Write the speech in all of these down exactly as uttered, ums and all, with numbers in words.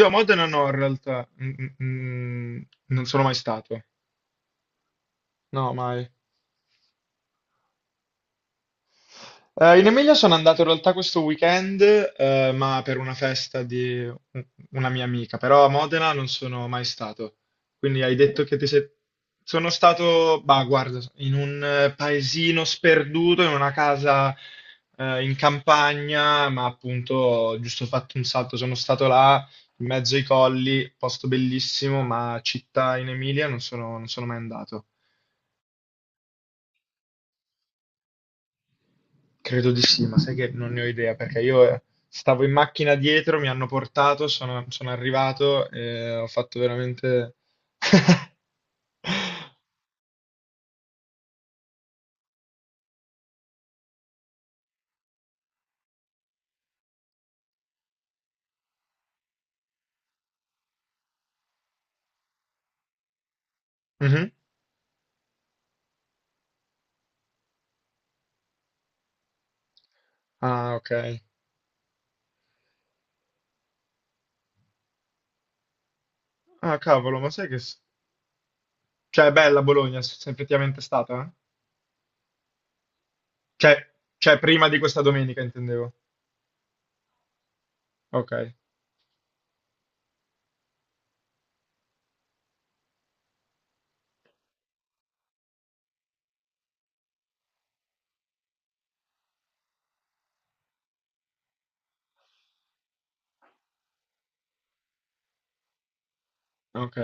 Io a Modena no, in realtà. Mm, mm, mm, non sono mai stato. No, mai. Eh, in Emilia sono andato in realtà questo weekend, eh, ma per una festa di un- una mia amica, però a Modena non sono mai stato. Quindi hai detto che ti sei... Sono stato, bah, guarda, in un eh, paesino sperduto, in una casa eh, in campagna, ma appunto ho giusto fatto un salto. Sono stato là, in mezzo ai colli, posto bellissimo, ma città in Emilia non sono non sono mai andato. Credo di sì, ma sai che non ne ho idea perché io eh, stavo in macchina dietro, mi hanno portato, sono, sono arrivato e ho fatto veramente... Mhm. Ah, ok. Ah, cavolo, ma sai che... s- Cioè, è bella Bologna, se sei effettivamente stata, eh? Cioè, cioè, prima di questa domenica intendevo. Ok, ok.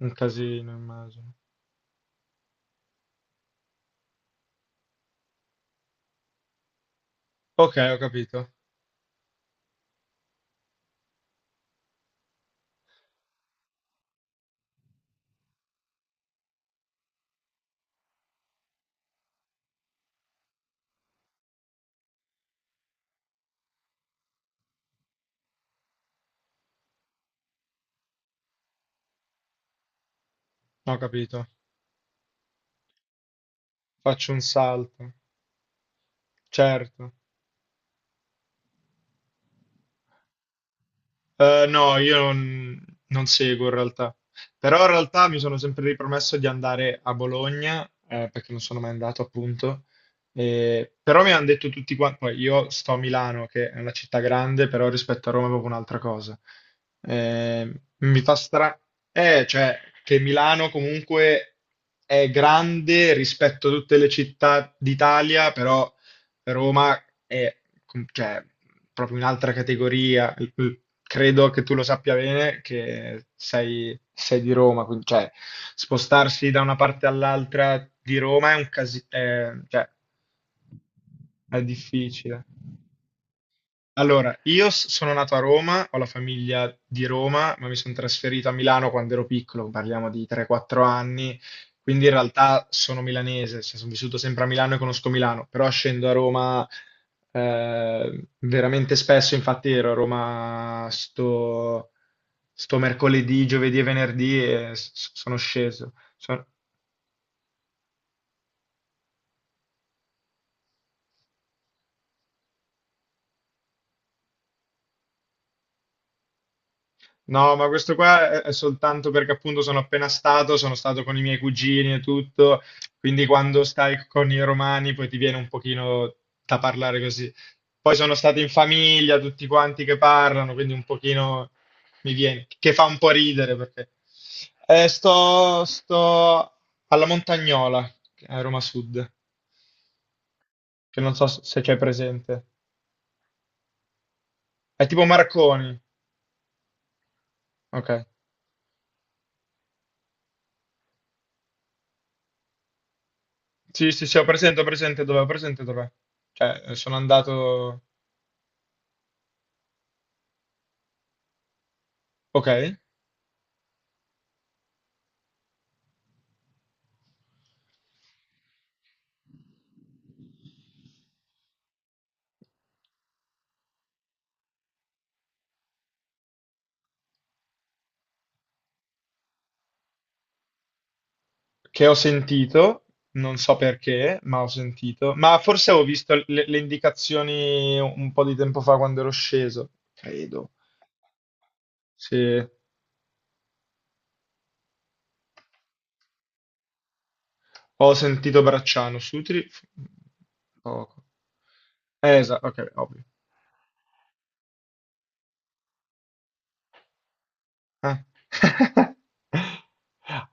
Un casino, immagino. Ok, ho capito, ho capito. Faccio un salto, certo. Eh, no, io non, non seguo in realtà. Però in realtà mi sono sempre ripromesso di andare a Bologna, eh, perché non sono mai andato appunto. Eh, però mi hanno detto tutti quanti, poi io sto a Milano, che è una città grande, però rispetto a Roma è proprio un'altra cosa. Eh, mi fa strano, eh, cioè che Milano comunque è grande rispetto a tutte le città d'Italia, però Roma è com- cioè, proprio un'altra categoria. L- l- Credo che tu lo sappia bene che sei, sei di Roma, quindi cioè, spostarsi da una parte all'altra di Roma è un casino, cioè, è difficile. Allora, io s- sono nato a Roma, ho la famiglia di Roma, ma mi sono trasferito a Milano quando ero piccolo, parliamo di tre quattro anni, quindi in realtà sono milanese, cioè sono vissuto sempre a Milano e conosco Milano, però scendo a Roma eh, veramente spesso, infatti ero a Roma sto, sto mercoledì, giovedì e venerdì e s- sono sceso. So- No, ma questo qua è è soltanto perché appunto sono appena stato, sono stato con i miei cugini e tutto, quindi quando stai con i romani poi ti viene un pochino da parlare così. Poi sono stati in famiglia, tutti quanti che parlano, quindi un pochino mi viene, che fa un po' ridere perché Eh, sto, sto alla Montagnola, a Roma Sud, che non so se c'è presente. È tipo Marconi. Ok. Sì, sì, sì, ho presente, ho presente dov'è, ho presente dov'è. Eh, sono andato. Okay. Che ho sentito, non so perché, ma ho sentito. Ma forse ho visto le, le indicazioni un po' di tempo fa quando ero sceso, credo. Sì. Ho sentito Bracciano, Sutri f- poco. Eh, esatto, ok, ovvio. Ah.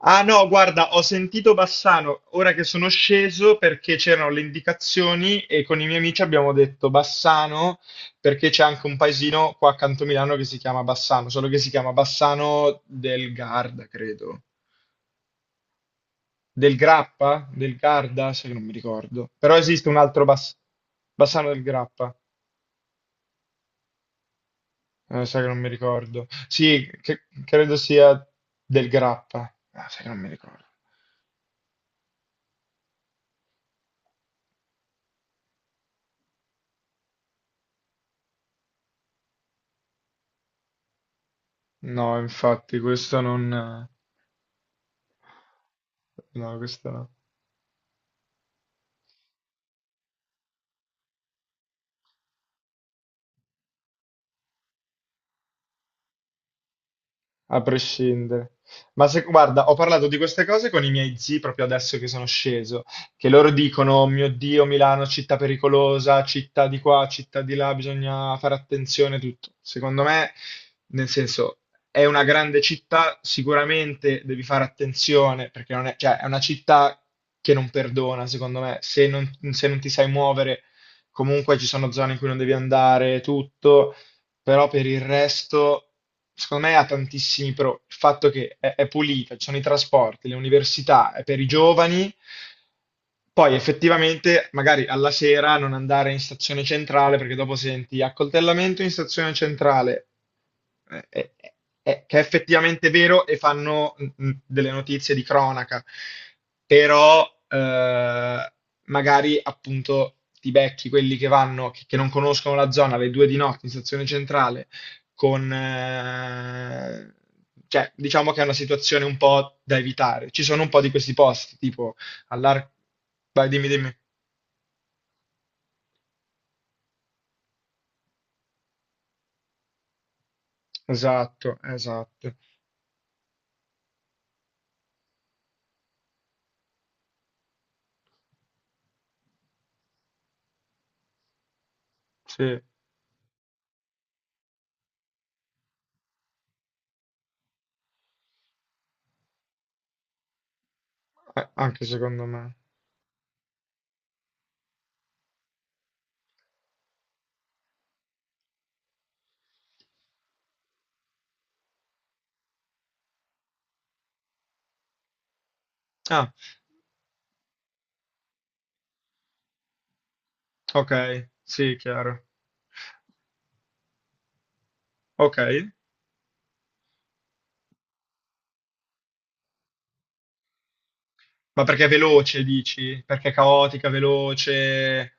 Ah, no, guarda, ho sentito Bassano ora che sono sceso perché c'erano le indicazioni e con i miei amici abbiamo detto Bassano perché c'è anche un paesino qua accanto a Milano che si chiama Bassano, solo che si chiama Bassano del Garda, credo. Del Grappa? Del Garda? Sai che non mi ricordo. Però esiste un altro Bass- Bassano del Grappa. Eh, sai che non mi ricordo. Sì, che- credo sia del Grappa. Ah, sai che non mi ricordo. No, infatti, questo non... eh, no, questo no. A prescindere. Ma se, guarda, ho parlato di queste cose con i miei zii proprio adesso che sono sceso, che loro dicono: "Oh mio Dio, Milano, città pericolosa, città di qua, città di là, bisogna fare attenzione a tutto. Secondo me, nel senso, è una grande città, sicuramente devi fare attenzione, perché non è, cioè, è una città che non perdona, secondo me. Se non, se non ti sai muovere, comunque ci sono zone in cui non devi andare, tutto, però per il resto, secondo me ha tantissimi pro. Il fatto che è, è pulita, ci sono i trasporti, le università, è per i giovani. Poi effettivamente, magari alla sera non andare in stazione centrale perché dopo senti accoltellamento in stazione centrale eh, eh, eh, eh, che è effettivamente vero e fanno mm, mm, delle notizie di cronaca, però eh, magari appunto ti becchi quelli che vanno, che, che non conoscono la zona alle due di notte in stazione centrale, con... eh, cioè, diciamo che è una situazione un po' da evitare. Ci sono un po' di questi posti, tipo all'arco... Vai, dimmi, dimmi. Esatto, esatto. Sì, a- anche secondo me. Ah. Ok, sì, chiaro. Ok, ma perché è veloce, dici? Perché è caotica, veloce.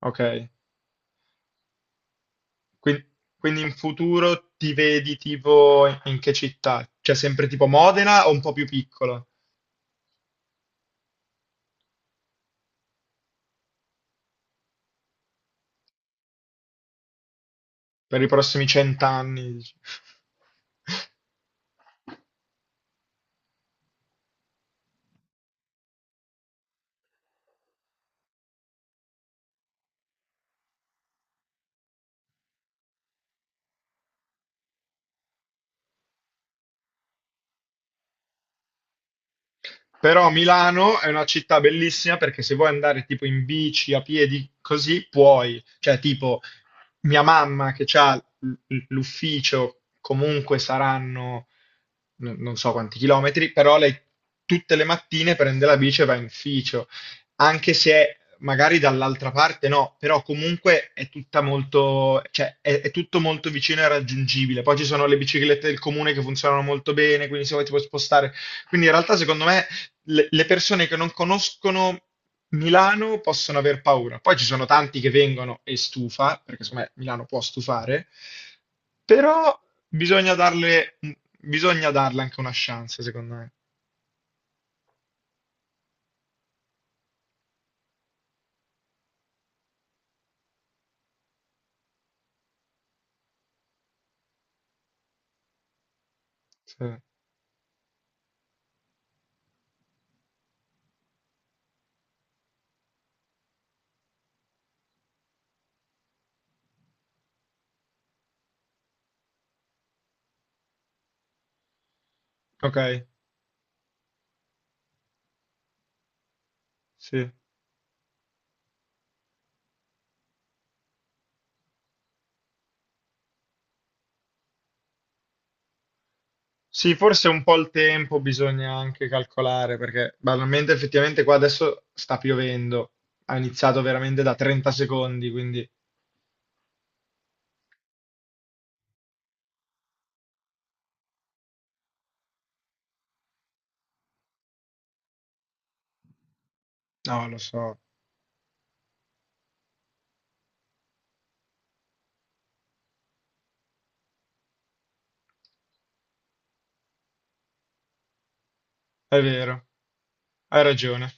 Ok, Quin- quindi in futuro ti vedi tipo in che città? Cioè sempre tipo Modena o un po' più piccola? Per i prossimi cent'anni, dici? Però Milano è una città bellissima perché se vuoi andare tipo in bici, a piedi, così puoi. Cioè, tipo, mia mamma che ha l- l- l'ufficio, comunque saranno n- non so quanti chilometri, però lei tutte le mattine prende la bici e va in ufficio, anche se magari dall'altra parte no, però comunque è tutta molto, cioè è, è tutto molto vicino e raggiungibile. Poi ci sono le biciclette del comune che funzionano molto bene, quindi se vuoi ti puoi spostare. Quindi in realtà secondo me le, le persone che non conoscono Milano possono aver paura. Poi ci sono tanti che vengono e stufa, perché secondo me Milano può stufare, però bisogna darle, bisogna darle anche una chance, secondo me. Sì. Ok, sì. Sì, forse un po' il tempo bisogna anche calcolare, perché banalmente effettivamente qua adesso sta piovendo, ha iniziato veramente da trenta secondi, quindi no, lo so, è vero, hai ragione.